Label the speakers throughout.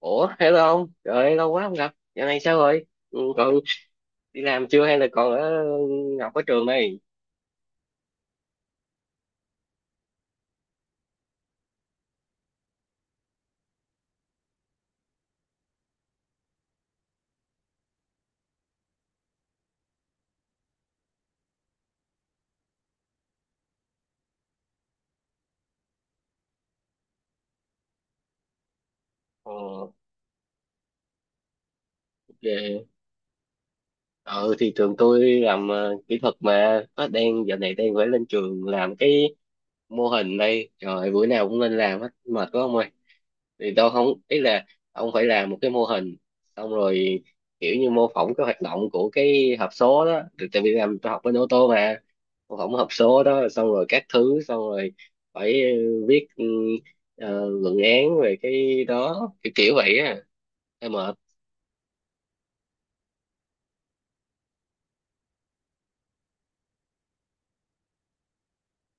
Speaker 1: Ủa, hello ông, trời ơi, lâu quá không gặp. Giờ này sao rồi? Ừ, còn đi làm chưa hay là còn ở học ở trường đây. ờ, Về. Ờ thì trường tôi làm kỹ thuật, mà nó đang giờ này đang phải lên trường làm cái mô hình đây. Trời ơi, bữa nào cũng lên làm hết mệt quá ông ơi. Thì tôi không, ý là ông phải làm một cái mô hình, xong rồi kiểu như mô phỏng cái hoạt động của cái hộp số đó. Thì tại vì làm tôi học bên ô tô mà. Mô phỏng hộp số đó xong rồi các thứ, xong rồi phải viết luận án về cái đó, kiểu kiểu vậy á. Em mệt.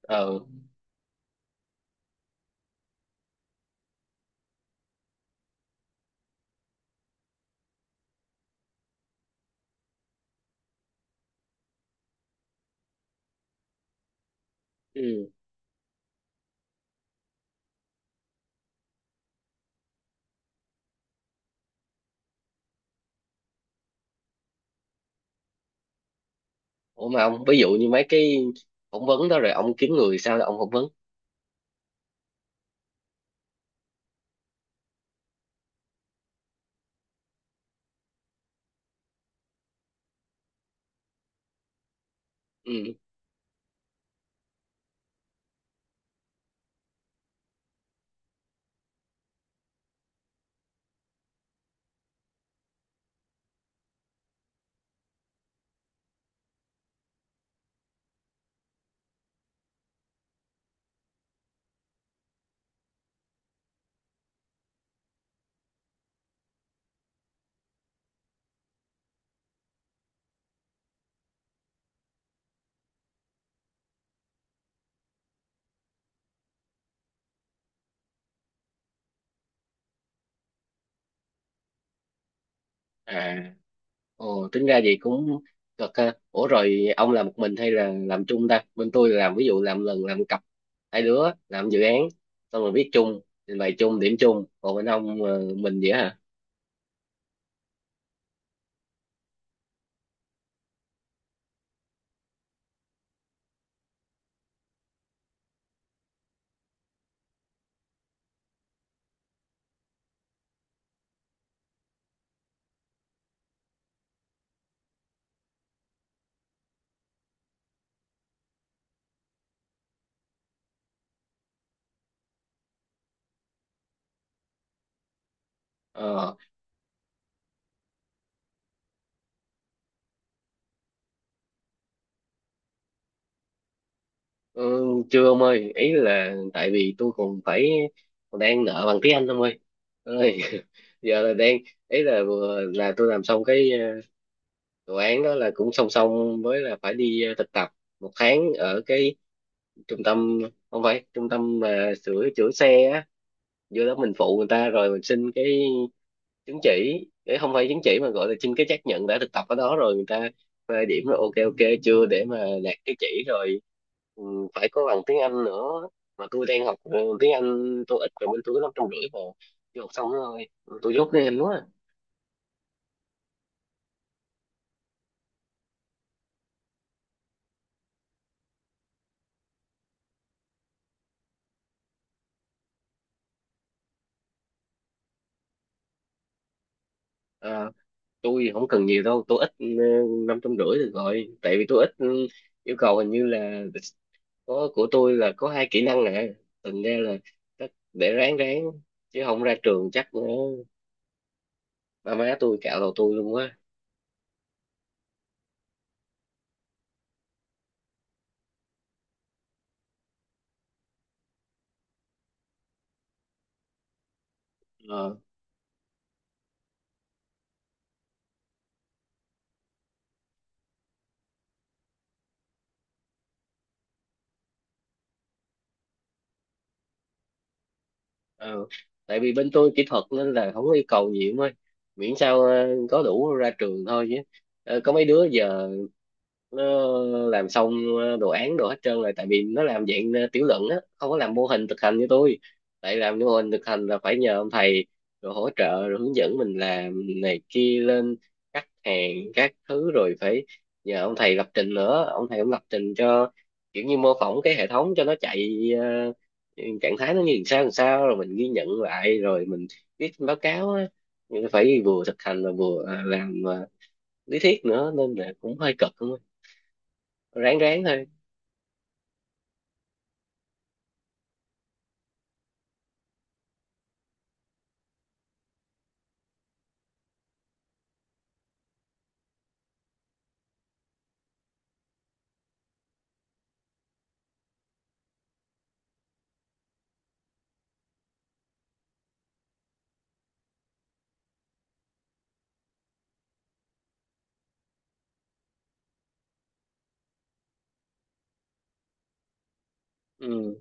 Speaker 1: ờ ừ. Ủa mà ông, ví dụ như mấy cái phỏng vấn đó rồi ông kiếm người sao là ông phỏng vấn? Ừ. À, ồ, tính ra vậy cũng cực ha. Ủa rồi ông làm một mình hay là làm chung ta? Bên tôi là làm, ví dụ làm lần làm cặp hai đứa làm dự án, xong rồi viết chung, trình bày chung, điểm chung. Còn bên ông mình vậy hả? Ờ. Ừ, chưa ông ơi, ý là tại vì tôi còn phải, còn đang nợ bằng tiếng Anh ông ơi. Ơi, giờ là đang, ý là vừa là tôi làm xong cái đồ án đó là cũng song song với là phải đi thực tập 1 tháng ở cái trung tâm, không phải trung tâm mà sửa chữa xe á. Vô đó mình phụ người ta rồi mình xin cái chứng chỉ, cái không phải chứng chỉ mà gọi là xin cái xác nhận đã thực tập ở đó, rồi người ta phê điểm là ok ok chưa để mà đạt cái chỉ rồi. Ừ, phải có bằng tiếng Anh nữa mà tôi đang học. Ừ, tiếng Anh tôi ít, rồi bên tôi có 550 mà chưa học xong nữa thôi. Tôi dốt tiếng Anh quá. À, tôi không cần nhiều đâu, tôi ít. Ừ, 550 được rồi, tại vì tôi ít. Ừ, Yêu cầu hình như là có, của tôi là có hai kỹ năng nè, thành ra là chắc để ráng ráng, chứ không ra trường chắc nữa ba má tôi cạo đầu tôi luôn á. Ờ. Ừ, tại vì bên tôi kỹ thuật nên là không có yêu cầu gì em ơi, miễn sao có đủ ra trường thôi chứ. Ờ, có mấy đứa giờ nó làm xong đồ án đồ hết trơn rồi, tại vì nó làm dạng tiểu luận á, không có làm mô hình thực hành như tôi. Tại làm mô hình thực hành là phải nhờ ông thầy rồi hỗ trợ rồi hướng dẫn mình làm này kia, lên cắt hàng các thứ, rồi phải nhờ ông thầy lập trình nữa, ông thầy cũng lập trình cho, kiểu như mô phỏng cái hệ thống cho nó chạy trạng thái nó như làm sao làm sao, rồi mình ghi nhận lại rồi mình viết báo cáo á. Nhưng phải vừa thực hành và vừa làm lý thuyết nữa nên là cũng hơi cực, đúng không. Ráng ráng thôi. Ừ.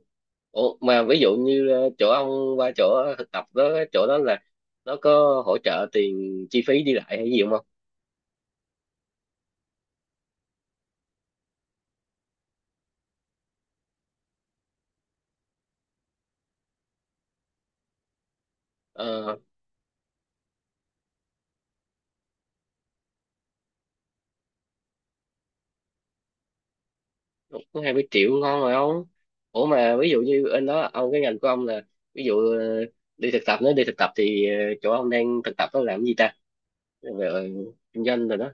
Speaker 1: Ủa, mà ví dụ như chỗ ông qua chỗ thực tập đó, chỗ đó là nó có hỗ trợ tiền chi phí đi lại hay gì không? ờ Cũng 20 triệu ngon rồi ông. Ủa mà ví dụ như anh đó ông, cái ngành của ông là ví dụ đi thực tập, nếu đi thực tập thì chỗ ông đang thực tập đó làm cái gì ta, về kinh doanh rồi đó?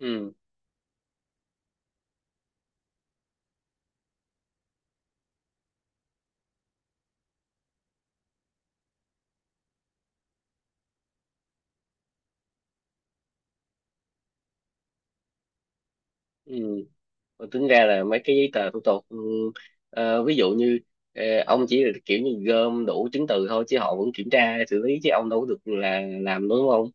Speaker 1: Ừ. Ừ. Mà tính ra là mấy cái giấy tờ thủ tục. Ừ, Ví dụ như ông chỉ là kiểu như gom đủ chứng từ thôi, chứ họ vẫn kiểm tra xử lý chứ ông đâu có được là làm, đúng không?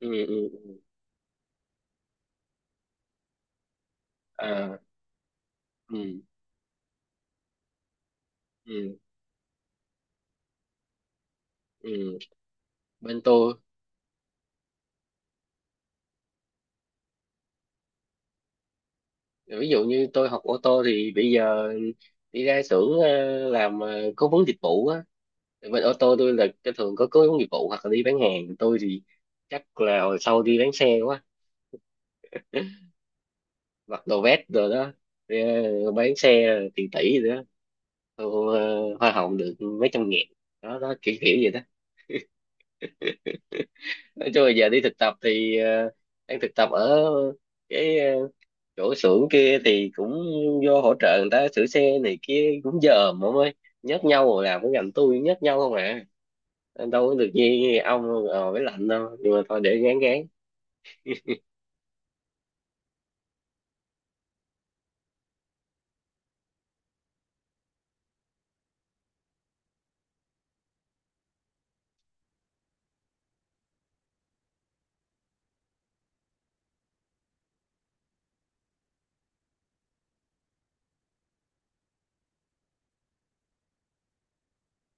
Speaker 1: Ừ ừ ừ. À, ừ ừ ừ. Bên tôi, ví dụ như tôi học ô tô thì bây giờ đi ra xưởng làm cố vấn dịch vụ á. Bên ô tô tôi là cái thường có cố vấn dịch vụ hoặc là đi bán hàng. Tôi thì chắc là hồi sau đi bán xe quá, mặc đồ vest rồi đó. ờ, bán xe tiền tỷ rồi đó. Thu hoa hồng được mấy trăm nghìn đó đó, kiểu kiểu vậy đó. Nói chung là giờ đi thực tập thì đang thực tập ở cái chỗ xưởng kia, thì cũng vô hỗ trợ người ta sửa xe này kia, cũng dòm ông ơi, nhắc nhau rồi. Làm cái ngành tôi nhắc nhau không à, đâu có được như ông với lạnh đâu, nhưng mà thôi để gán gán.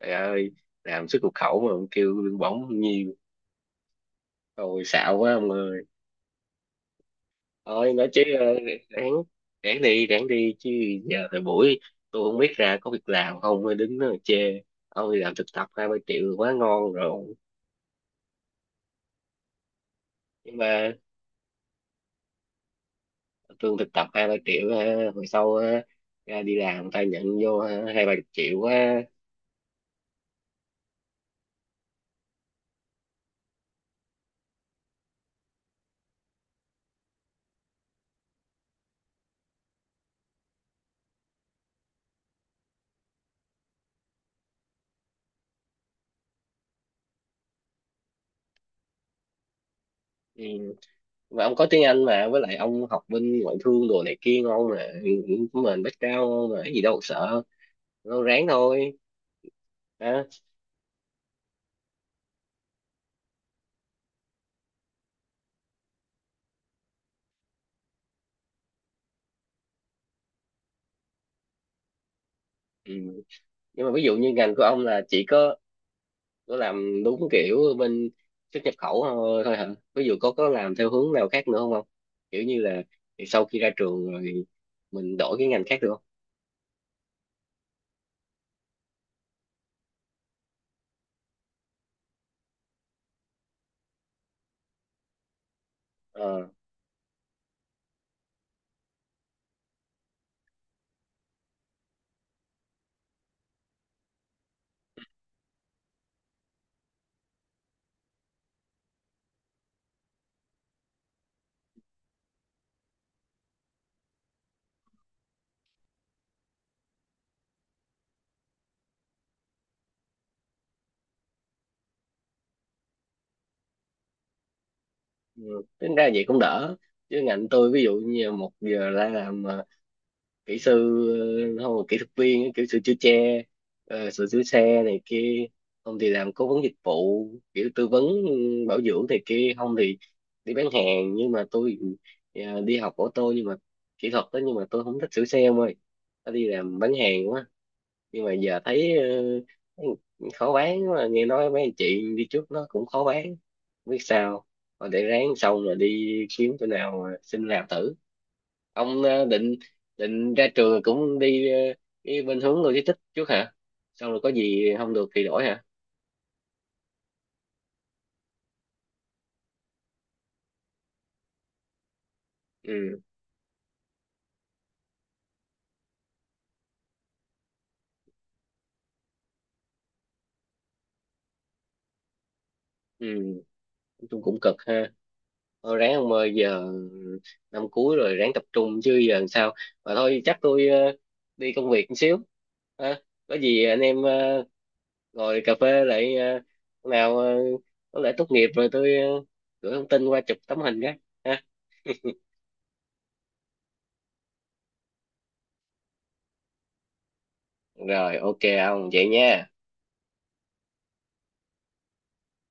Speaker 1: Trời ơi, làm xuất nhập khẩu mà kêu lương bổng nhiêu, rồi xạo quá ông ơi. Thôi nói chứ ráng. Ráng đi, ráng đi chứ, giờ thời buổi tôi không biết ra có việc làm không mới đứng đó mà chê. Ông đi làm thực tập 2-3 triệu quá ngon rồi. Nhưng mà lương thực tập 2-3 triệu ha, hồi sau ha, ra đi làm người ta nhận vô ha, 2-3 chục triệu quá. Ừ. Mà ông có tiếng Anh mà, với lại ông học bên ngoại thương đồ này kia ngon mà, của mình background ngon mà, cái gì đâu mà sợ. Ông ráng thôi, ha. Ừ. Nhưng mà ví dụ như ngành của ông là chỉ có nó làm đúng kiểu bên xuất nhập khẩu thôi, thôi hả? Ví dụ có làm theo hướng nào khác nữa không không, kiểu như là thì sau khi ra trường rồi thì mình đổi cái ngành khác được không? Ờ. Ừ, tính ra vậy cũng đỡ, chứ ngành tôi ví dụ như một giờ ra làm kỹ sư, không là kỹ thuật viên kiểu sửa chữa xe, sửa chữa xe này kia, không thì làm cố vấn dịch vụ kiểu tư vấn bảo dưỡng này kia, không thì đi bán hàng. Nhưng mà tôi đi học ô tô, nhưng mà kỹ thuật đó, nhưng mà tôi không thích sửa xe ông ơi, tôi đi làm bán hàng quá. Nhưng mà giờ thấy ờ, khó bán, mà nghe nói mấy anh chị đi trước nó cũng khó bán, không biết sao. Thôi để ráng xong rồi đi kiếm chỗ nào mà xin làm thử. Ông định định ra trường rồi cũng đi cái bên hướng logistics trước hả, xong rồi có gì không được thì đổi hả? Ừ ừ. Nói cũng cực ha. Thôi ráng ông ơi, giờ năm cuối rồi ráng tập trung chứ giờ làm sao. Mà thôi chắc tôi đi công việc một xíu ha, có gì anh em ngồi cà phê lại hôm nào có lẽ tốt nghiệp rồi tôi gửi thông tin qua chụp tấm hình cái ha. Rồi ok, ông vậy nha.